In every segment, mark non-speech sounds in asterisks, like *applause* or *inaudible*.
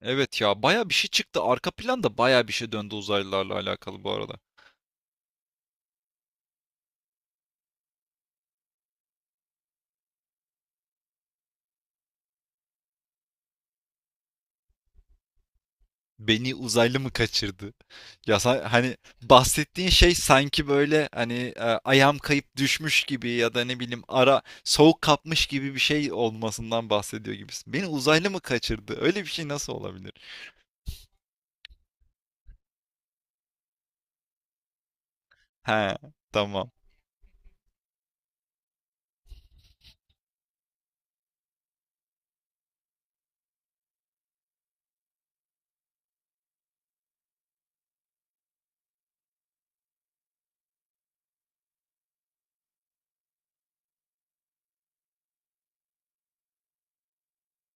Evet ya baya bir şey çıktı. Arka planda baya bir şey döndü uzaylılarla alakalı bu arada. Beni uzaylı mı kaçırdı? Ya hani bahsettiğin şey sanki böyle hani ayağım kayıp düşmüş gibi ya da ne bileyim ara soğuk kapmış gibi bir şey olmasından bahsediyor gibisin. Beni uzaylı mı kaçırdı? Öyle bir şey nasıl olabilir? He, tamam.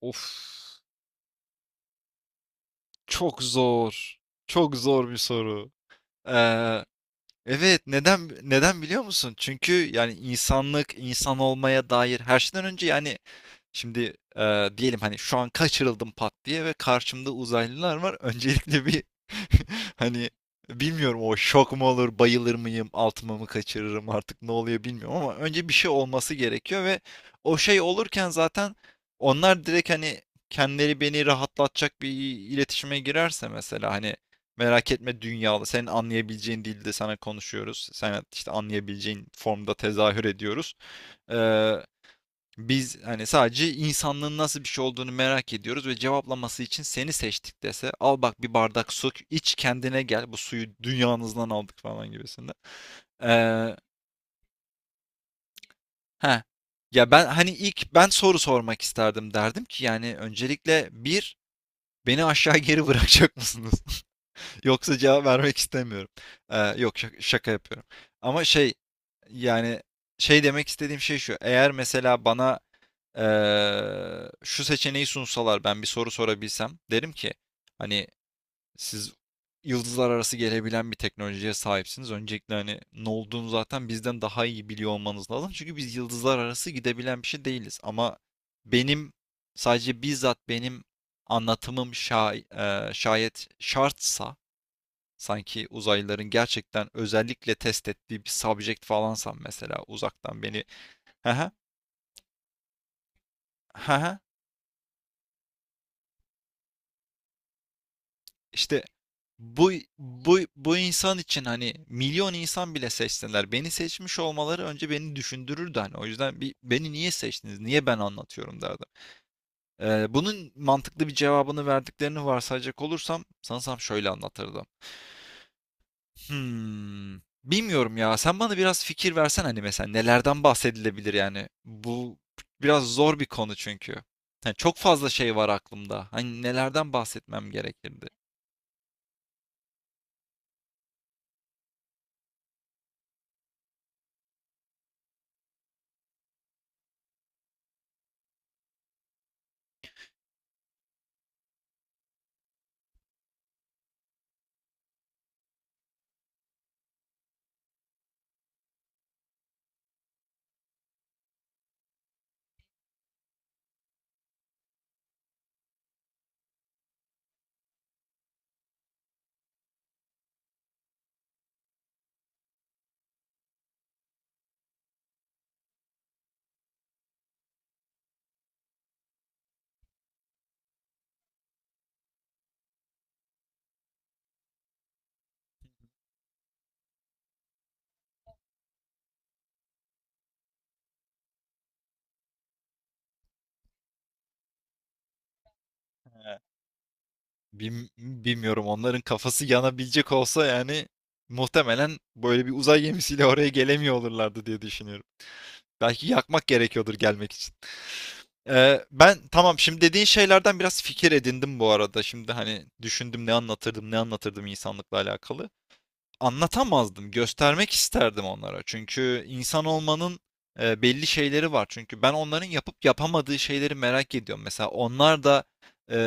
Of, çok zor. Çok zor bir soru. Ee, Evet, neden biliyor musun? Çünkü yani insanlık, insan olmaya dair her şeyden önce yani. Şimdi diyelim hani şu an kaçırıldım pat diye ve karşımda uzaylılar var. Öncelikle bir *laughs* hani bilmiyorum, o şok mu olur, bayılır mıyım, altıma mı kaçırırım artık ne oluyor bilmiyorum, ama önce bir şey olması gerekiyor ve o şey olurken zaten onlar direkt hani kendileri beni rahatlatacak bir iletişime girerse, mesela hani merak etme dünyalı, senin anlayabileceğin dilde sana konuşuyoruz. Sen işte anlayabileceğin formda tezahür ediyoruz. Ee, biz hani sadece insanlığın nasıl bir şey olduğunu merak ediyoruz ve cevaplaması için seni seçtik dese, al bak bir bardak su iç kendine gel, bu suyu dünyanızdan aldık falan gibisinde. Ee, heh. Ya ben hani ilk ben soru sormak isterdim, derdim ki yani öncelikle bir beni aşağı geri bırakacak mısınız? *laughs* Yoksa cevap vermek istemiyorum. Yok şaka, şaka yapıyorum. Ama şey, yani şey demek istediğim şey şu. Eğer mesela bana şu seçeneği sunsalar, ben bir soru sorabilsem, derim ki hani siz yıldızlar arası gelebilen bir teknolojiye sahipsiniz. Öncelikle hani ne olduğunu zaten bizden daha iyi biliyor olmanız lazım. Çünkü biz yıldızlar arası gidebilen bir şey değiliz. Ama benim, sadece bizzat benim anlatımım şayet şartsa, sanki uzaylıların gerçekten özellikle test ettiği bir subject falansam, mesela uzaktan beni. Ha, ha, ha, işte. Bu bu insan için, hani milyon insan bile seçseler beni seçmiş olmaları önce beni düşündürürdü hani. O yüzden, bir beni niye seçtiniz? Niye ben anlatıyorum derdim. Bunun mantıklı bir cevabını verdiklerini varsayacak olursam, sanırsam şöyle anlatırdım. Hmm. Bilmiyorum ya. Sen bana biraz fikir versen, hani mesela nelerden bahsedilebilir yani. Bu biraz zor bir konu çünkü. Yani çok fazla şey var aklımda. Hani nelerden bahsetmem gerekirdi? Ee, bilmiyorum onların kafası yanabilecek olsa, yani muhtemelen böyle bir uzay gemisiyle oraya gelemiyor olurlardı diye düşünüyorum. Belki yakmak gerekiyordur gelmek için. Ben, tamam, şimdi dediğin şeylerden biraz fikir edindim bu arada. Şimdi hani düşündüm, ne anlatırdım, ne anlatırdım insanlıkla alakalı. Anlatamazdım, göstermek isterdim onlara. Çünkü insan olmanın belli şeyleri var. Çünkü ben onların yapıp yapamadığı şeyleri merak ediyorum. Mesela onlar da e,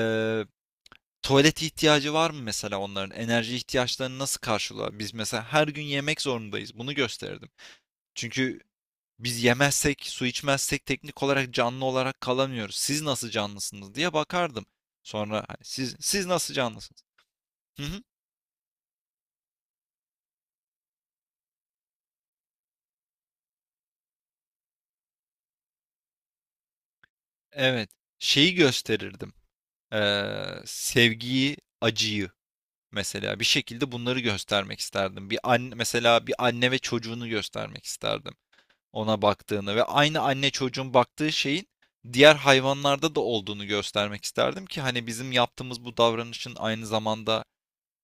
tuvalet ihtiyacı var mı mesela onların? Enerji ihtiyaçlarını nasıl karşılıyor? Biz mesela her gün yemek zorundayız. Bunu gösterirdim. Çünkü biz yemezsek, su içmezsek teknik olarak canlı olarak kalamıyoruz. Siz nasıl canlısınız diye bakardım. Sonra hani, siz nasıl canlısınız? Hı hı. Evet. Şeyi gösterirdim. Sevgiyi, acıyı, mesela bir şekilde bunları göstermek isterdim. Bir anne, mesela bir anne ve çocuğunu göstermek isterdim. Ona baktığını ve aynı anne çocuğun baktığı şeyin diğer hayvanlarda da olduğunu göstermek isterdim ki, hani bizim yaptığımız bu davranışın aynı zamanda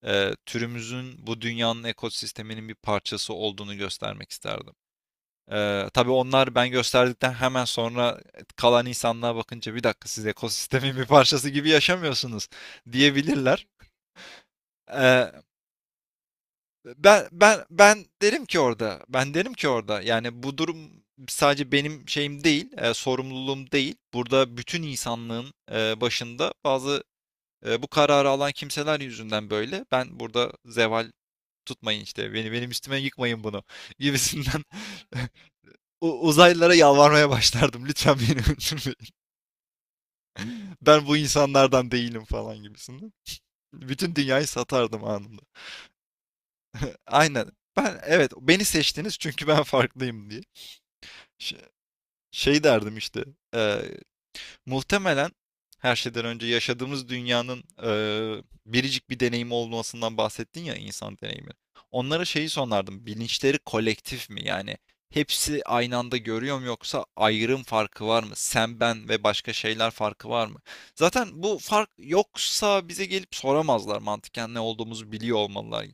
türümüzün, bu dünyanın ekosisteminin bir parçası olduğunu göstermek isterdim. Tabii onlar ben gösterdikten hemen sonra, kalan insanlığa bakınca, bir dakika siz ekosistemin bir parçası gibi yaşamıyorsunuz diyebilirler. E, ben derim ki orada, ben derim ki orada yani bu durum sadece benim şeyim değil, sorumluluğum değil. Burada bütün insanlığın başında bazı, bu kararı alan kimseler yüzünden böyle. Ben burada zeval tutmayın işte, beni, benim üstüme yıkmayın bunu, gibisinden *laughs* uzaylılara yalvarmaya başlardım. Lütfen beni *laughs* öldürmeyin. Ben bu insanlardan değilim falan gibisinden. Bütün dünyayı satardım anında. Aynen. Ben, evet, beni seçtiniz çünkü ben farklıyım diye. Ş- şey derdim işte. e, muhtemelen her şeyden önce yaşadığımız dünyanın biricik bir deneyimi olmasından bahsettin ya, insan deneyimi. Onlara şeyi sorardım. Bilinçleri kolektif mi? Yani hepsi aynı anda görüyor mu, yoksa ayrım farkı var mı? Sen, ben ve başka şeyler farkı var mı? Zaten bu fark yoksa bize gelip soramazlar, mantıken ne olduğumuzu biliyor olmalılar.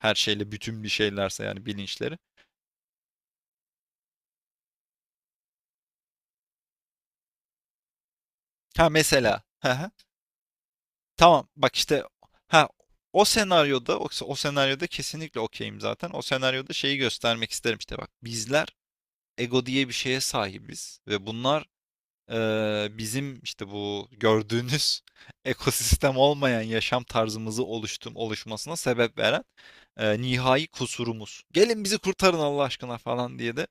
Her şeyle bütün bir şeylerse yani bilinçleri. Ha, mesela. *laughs* Tamam bak işte, ha, o senaryoda, o senaryoda kesinlikle okeyim zaten. O senaryoda şeyi göstermek isterim, işte bak bizler ego diye bir şeye sahibiz ve bunlar bizim, işte bu gördüğünüz *laughs* ekosistem olmayan yaşam tarzımızı oluşmasına sebep veren nihai kusurumuz. Gelin bizi kurtarın Allah aşkına falan diye de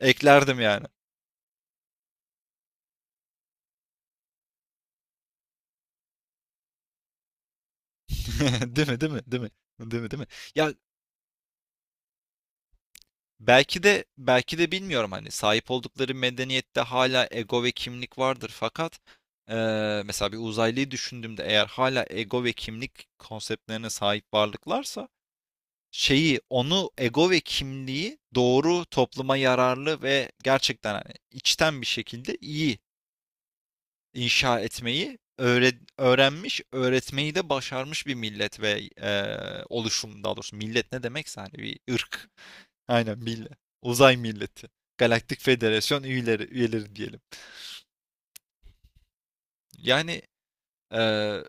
eklerdim yani. *laughs* Değil mi? Değil mi? Değil mi? Değil mi? Değil mi? Ya, belki de belki de bilmiyorum, hani sahip oldukları medeniyette hala ego ve kimlik vardır, fakat mesela bir uzaylıyı düşündüğümde, eğer hala ego ve kimlik konseptlerine sahip varlıklarsa, şeyi, onu, ego ve kimliği doğru, topluma yararlı ve gerçekten hani içten bir şekilde iyi inşa etmeyi öğrenmiş, öğretmeyi de başarmış bir millet ve e, oluşum, daha doğrusu millet ne demekse hani, bir ırk. Aynen, millet. Uzay milleti. Galaktik Federasyon üyeleri, diyelim. Yani, e,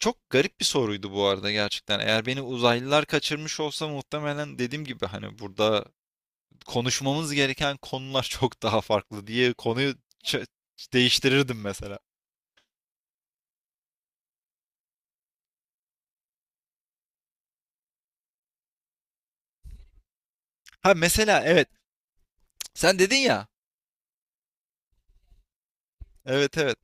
çok garip bir soruydu bu arada gerçekten. Eğer beni uzaylılar kaçırmış olsa, muhtemelen dediğim gibi hani burada konuşmamız gereken konular *laughs* çok daha farklı diye, konuyu ç- değiştirirdim mesela. Ha mesela, evet, sen dedin ya. Evet, evet.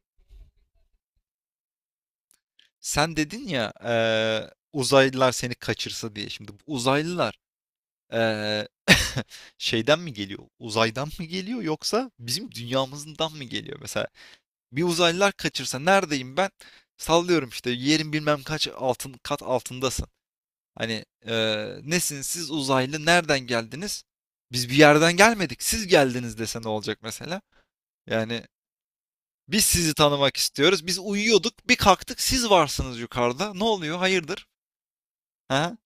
Sen dedin ya, uzaylılar seni kaçırsa diye. Şimdi bu uzaylılar, eee, *laughs* şeyden mi geliyor? Uzaydan mı geliyor yoksa bizim dünyamızdan mı geliyor? Mesela bir uzaylılar kaçırsa, neredeyim ben? Sallıyorum işte, yerin bilmem kaç altın kat altındasın. Hani nesiniz siz uzaylı, nereden geldiniz? Biz bir yerden gelmedik. Siz geldiniz dese, ne olacak mesela? Yani biz sizi tanımak istiyoruz. Biz uyuyorduk, bir kalktık siz varsınız yukarıda. Ne oluyor? Hayırdır? Ha?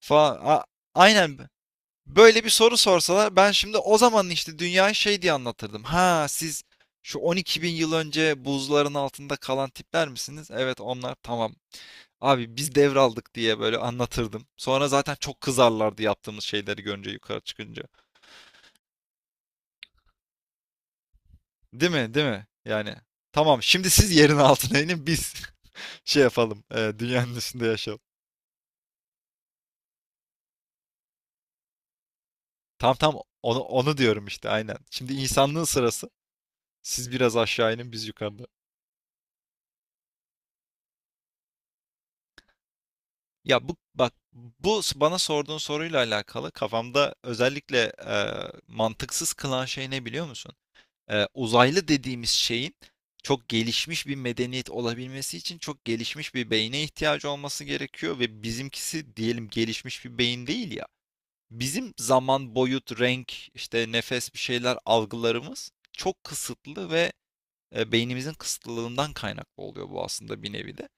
falan. Aynen, böyle bir soru sorsalar, ben şimdi o zaman işte dünyayı şey diye anlatırdım. Ha, siz şu 12 bin yıl önce buzların altında kalan tipler misiniz? Evet onlar, tamam. Abi biz devraldık diye böyle anlatırdım. Sonra zaten çok kızarlardı, yaptığımız şeyleri görünce yukarı çıkınca. Değil mi? Değil mi? Yani tamam, şimdi siz yerin altına inin, biz *laughs* şey yapalım. Dünyanın üstünde yaşayalım. Tam onu diyorum işte aynen. Şimdi insanlığın sırası. Siz biraz aşağı inin, biz yukarıda. Ya bu bak, bu bana sorduğun soruyla alakalı kafamda özellikle e, mantıksız kılan şey ne biliyor musun? Uzaylı dediğimiz şeyin çok gelişmiş bir medeniyet olabilmesi için çok gelişmiş bir beyne ihtiyacı olması gerekiyor ve bizimkisi diyelim gelişmiş bir beyin değil ya. Bizim zaman, boyut, renk, işte nefes, bir şeyler algılarımız çok kısıtlı ve beynimizin kısıtlılığından kaynaklı oluyor bu, aslında bir nevi de.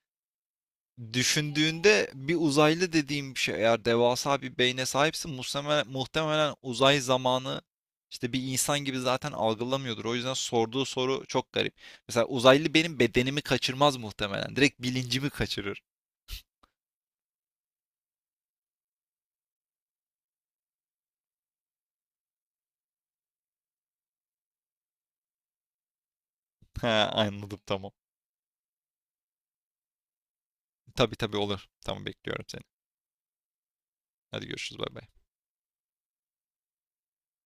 Düşündüğünde bir uzaylı dediğim bir şey, eğer devasa bir beyne sahipsin muhtemelen, uzay zamanı işte bir insan gibi zaten algılamıyordur. O yüzden sorduğu soru çok garip. Mesela uzaylı benim bedenimi kaçırmaz muhtemelen. Direkt bilincimi kaçırır. *laughs* Ha, anladım, tamam. Tabii tabii olur. Tamam, bekliyorum seni. Hadi görüşürüz, bay bay.